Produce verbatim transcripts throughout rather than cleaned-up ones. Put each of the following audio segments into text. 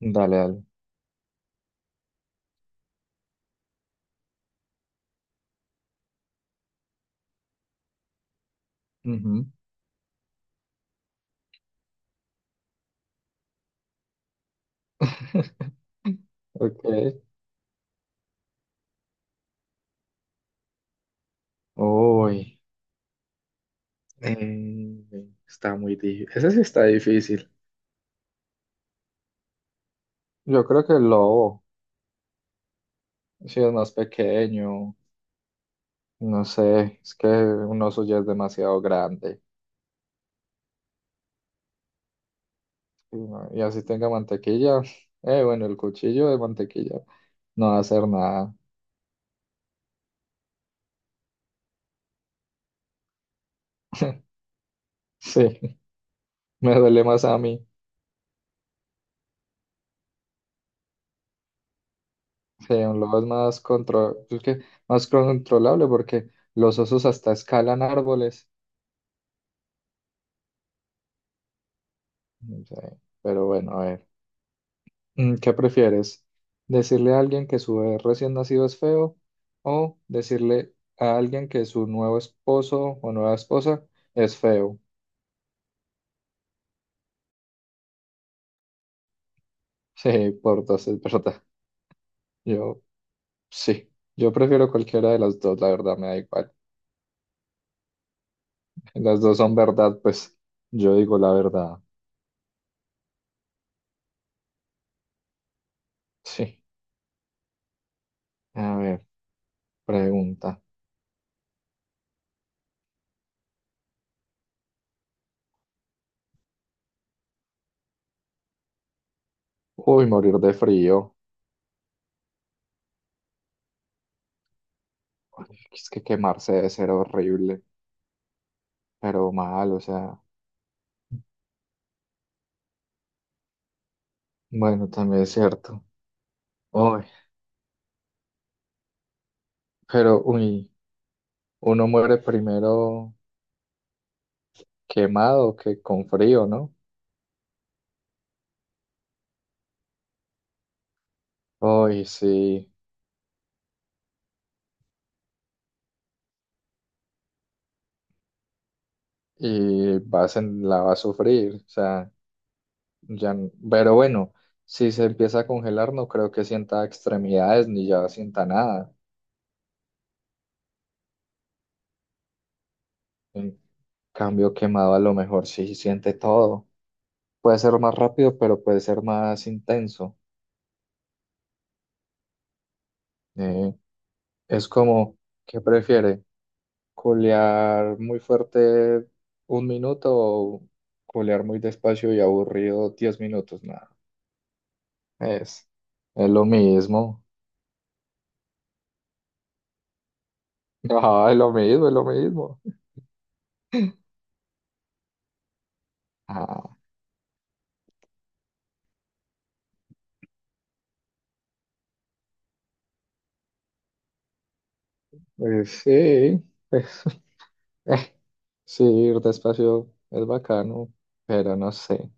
Dale, dale. Ujú. Ok. Uy. eh, está muy difícil. Ese sí está difícil. Yo creo que el lobo, si es más pequeño, no sé, es que un oso ya es demasiado grande. Y, no- y así tenga mantequilla, eh, bueno, el cuchillo de mantequilla no va a hacer nada. Sí, me duele más a mí. Sí, un lobo es más, contro- es que más controlable porque los osos hasta escalan árboles. Sí, pero bueno, a ver, Mm, ¿qué prefieres? ¿Decirle a alguien que su bebé recién nacido es feo o decirle a alguien que su nuevo esposo o nueva esposa es feo? Sí, por dos, es verdad. Yo, sí, yo prefiero cualquiera de las dos, la verdad, me da igual. Las dos son verdad, pues yo digo la verdad. Sí, a ver, pregunta. Uy, morir de frío. Ay, es que quemarse debe ser horrible, pero mal, o sea, bueno, también es cierto. Uy, pero uy, uno muere primero quemado que con frío, ¿no? Uy, sí, y vas en- la va a sufrir, o sea, ya, n- pero bueno, si se empieza a congelar, no creo que sienta extremidades ni ya sienta nada. En cambio, quemado a lo mejor sí siente todo. Puede ser más rápido, pero puede ser más intenso. Eh, es como, ¿qué prefiere? Colear muy fuerte un minuto o colear muy despacio y aburrido diez minutos, nada. Es, es lo mismo. Ah, es lo mismo, es lo mismo. Ah, pues sí, pues, eh, sí, ir despacio es bacano, pero no sé.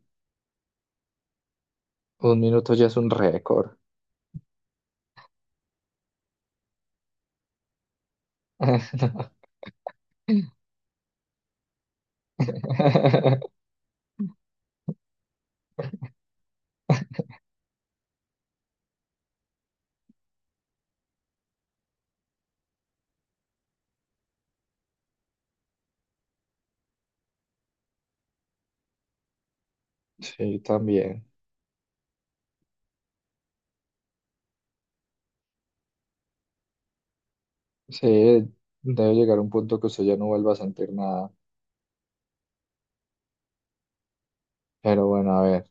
Un minuto ya es un récord. Sí, también. Sí, debe llegar un punto que usted ya no vuelva a sentir nada. Pero bueno, a ver,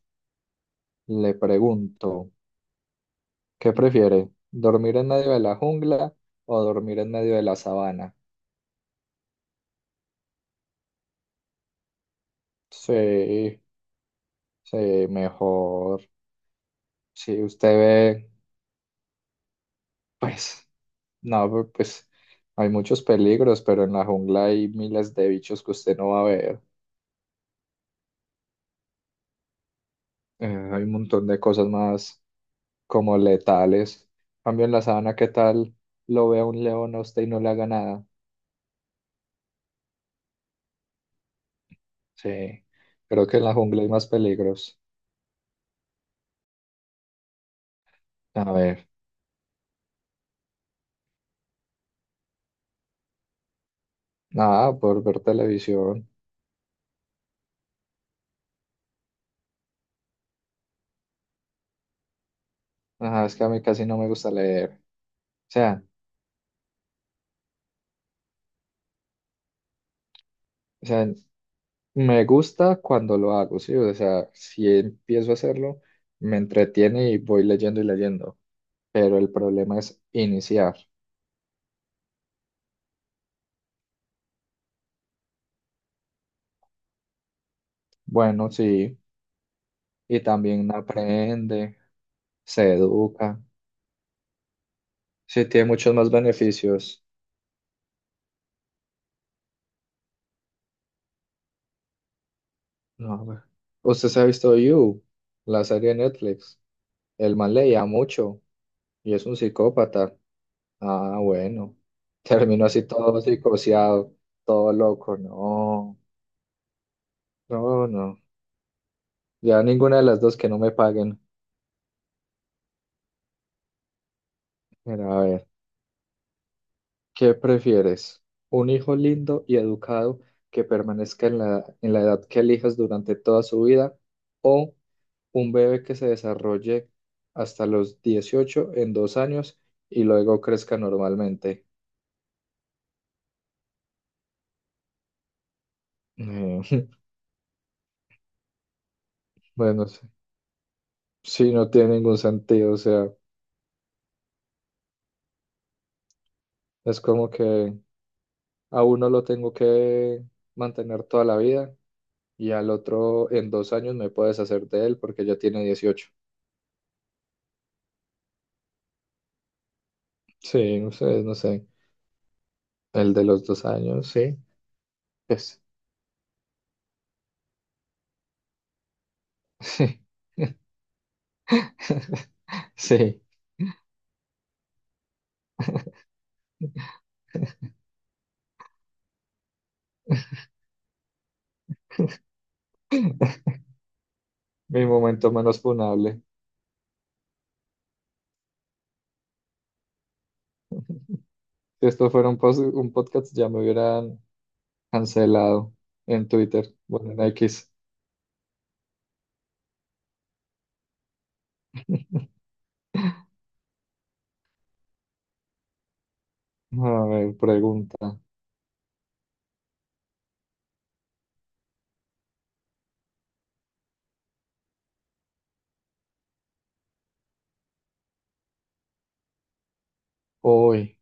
le pregunto. ¿Qué prefiere? ¿Dormir en medio de la jungla o dormir en medio de la sabana? Sí, sí, mejor. Si usted ve, pues, no, pero, pues hay muchos peligros, pero en la jungla hay miles de bichos que usted no va a ver. Eh, hay un montón de cosas más como letales. En cambio en la sabana, ¿qué tal? Lo vea un león a usted y no le haga nada. Sí, creo que en la jungla hay más peligros. A ver, nada, por ver televisión. Ajá, es que a mí casi no me gusta leer. O sea, o sea, me gusta cuando lo hago, sí. O sea, si empiezo a hacerlo, me entretiene y voy leyendo y leyendo. Pero el problema es iniciar. Bueno, sí. Y también aprende, se educa. Sí, tiene muchos más beneficios. No, a ver. Usted se ha visto You, la serie de Netflix. El man leía mucho y es un psicópata. Ah, bueno. Terminó así todo psicoseado, todo loco. No, no, no. Ya ninguna de las dos que no me paguen. Mira, a ver, ¿qué prefieres? ¿Un hijo lindo y educado que permanezca en la, en la edad que elijas durante toda su vida? ¿O un bebé que se desarrolle hasta los dieciocho en dos años y luego crezca normalmente? Eh, Bueno, sí, sí, no tiene ningún sentido. O sea, es como que... A uno lo tengo que mantener toda la vida y al otro en dos años me puedes hacer de él porque ya tiene dieciocho. Sí, no sé no sé. El de los dos años, sí. Pues, sí, sí. Mi momento menos funable. Si esto fuera un, pos- un podcast, ya me hubieran cancelado en Twitter. Bueno, en X. A ver, pregunta. Uy,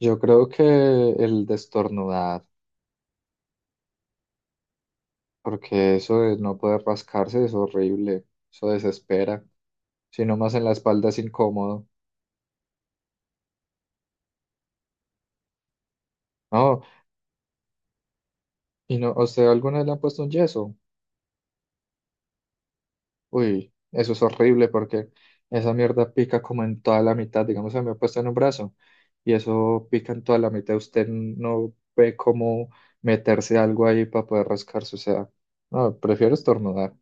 yo creo que el de estornudar, porque eso de no poder rascarse es horrible. Eso desespera. Sino más en la espalda es incómodo. No, y no, ¿a usted alguna vez le han puesto un yeso? Uy, eso es horrible porque esa mierda pica como en toda la mitad, digamos, se me ha puesto en un brazo y eso pica en toda la mitad. Usted no ve cómo meterse algo ahí para poder rascarse, o sea, no, prefiero estornudar.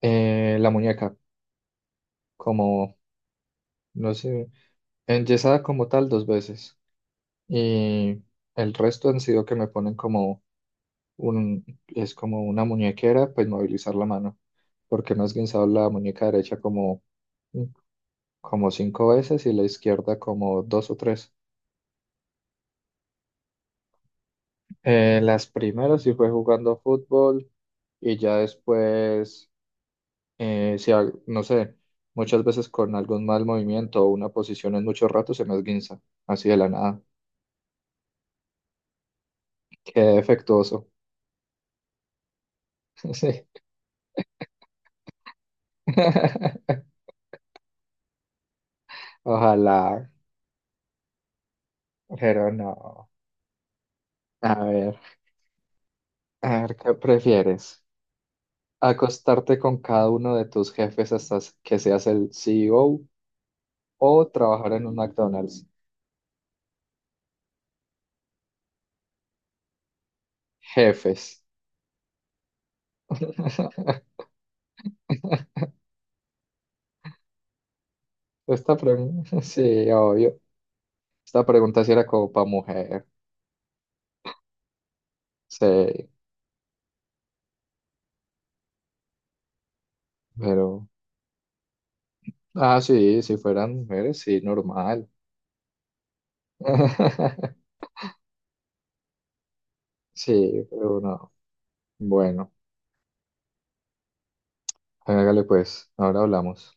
Eh, la muñeca, como, no sé, enyesada como tal dos veces y el resto han sido que me ponen como un, es como una muñequera, pues movilizar la mano, porque me has guinzado la muñeca derecha como, como cinco veces y la izquierda como dos o tres. Eh, las primeras sí fue jugando fútbol y ya después, eh, si al- no sé, muchas veces con algún mal movimiento o una posición en mucho rato se me esguinza, así de la nada. Qué defectuoso. Sí. Ojalá, pero no. A ver, a ver, ¿qué prefieres? Acostarte con cada uno de tus jefes hasta que seas el CEO o o trabajar en un McDonald's. Jefes. Esta pregunta, sí, obvio. Esta pregunta sí era como para mujer. Sí, pero. Ah, sí, si fueran mujeres, sí, normal. Sí, pero no. Bueno, hágale pues, ahora hablamos.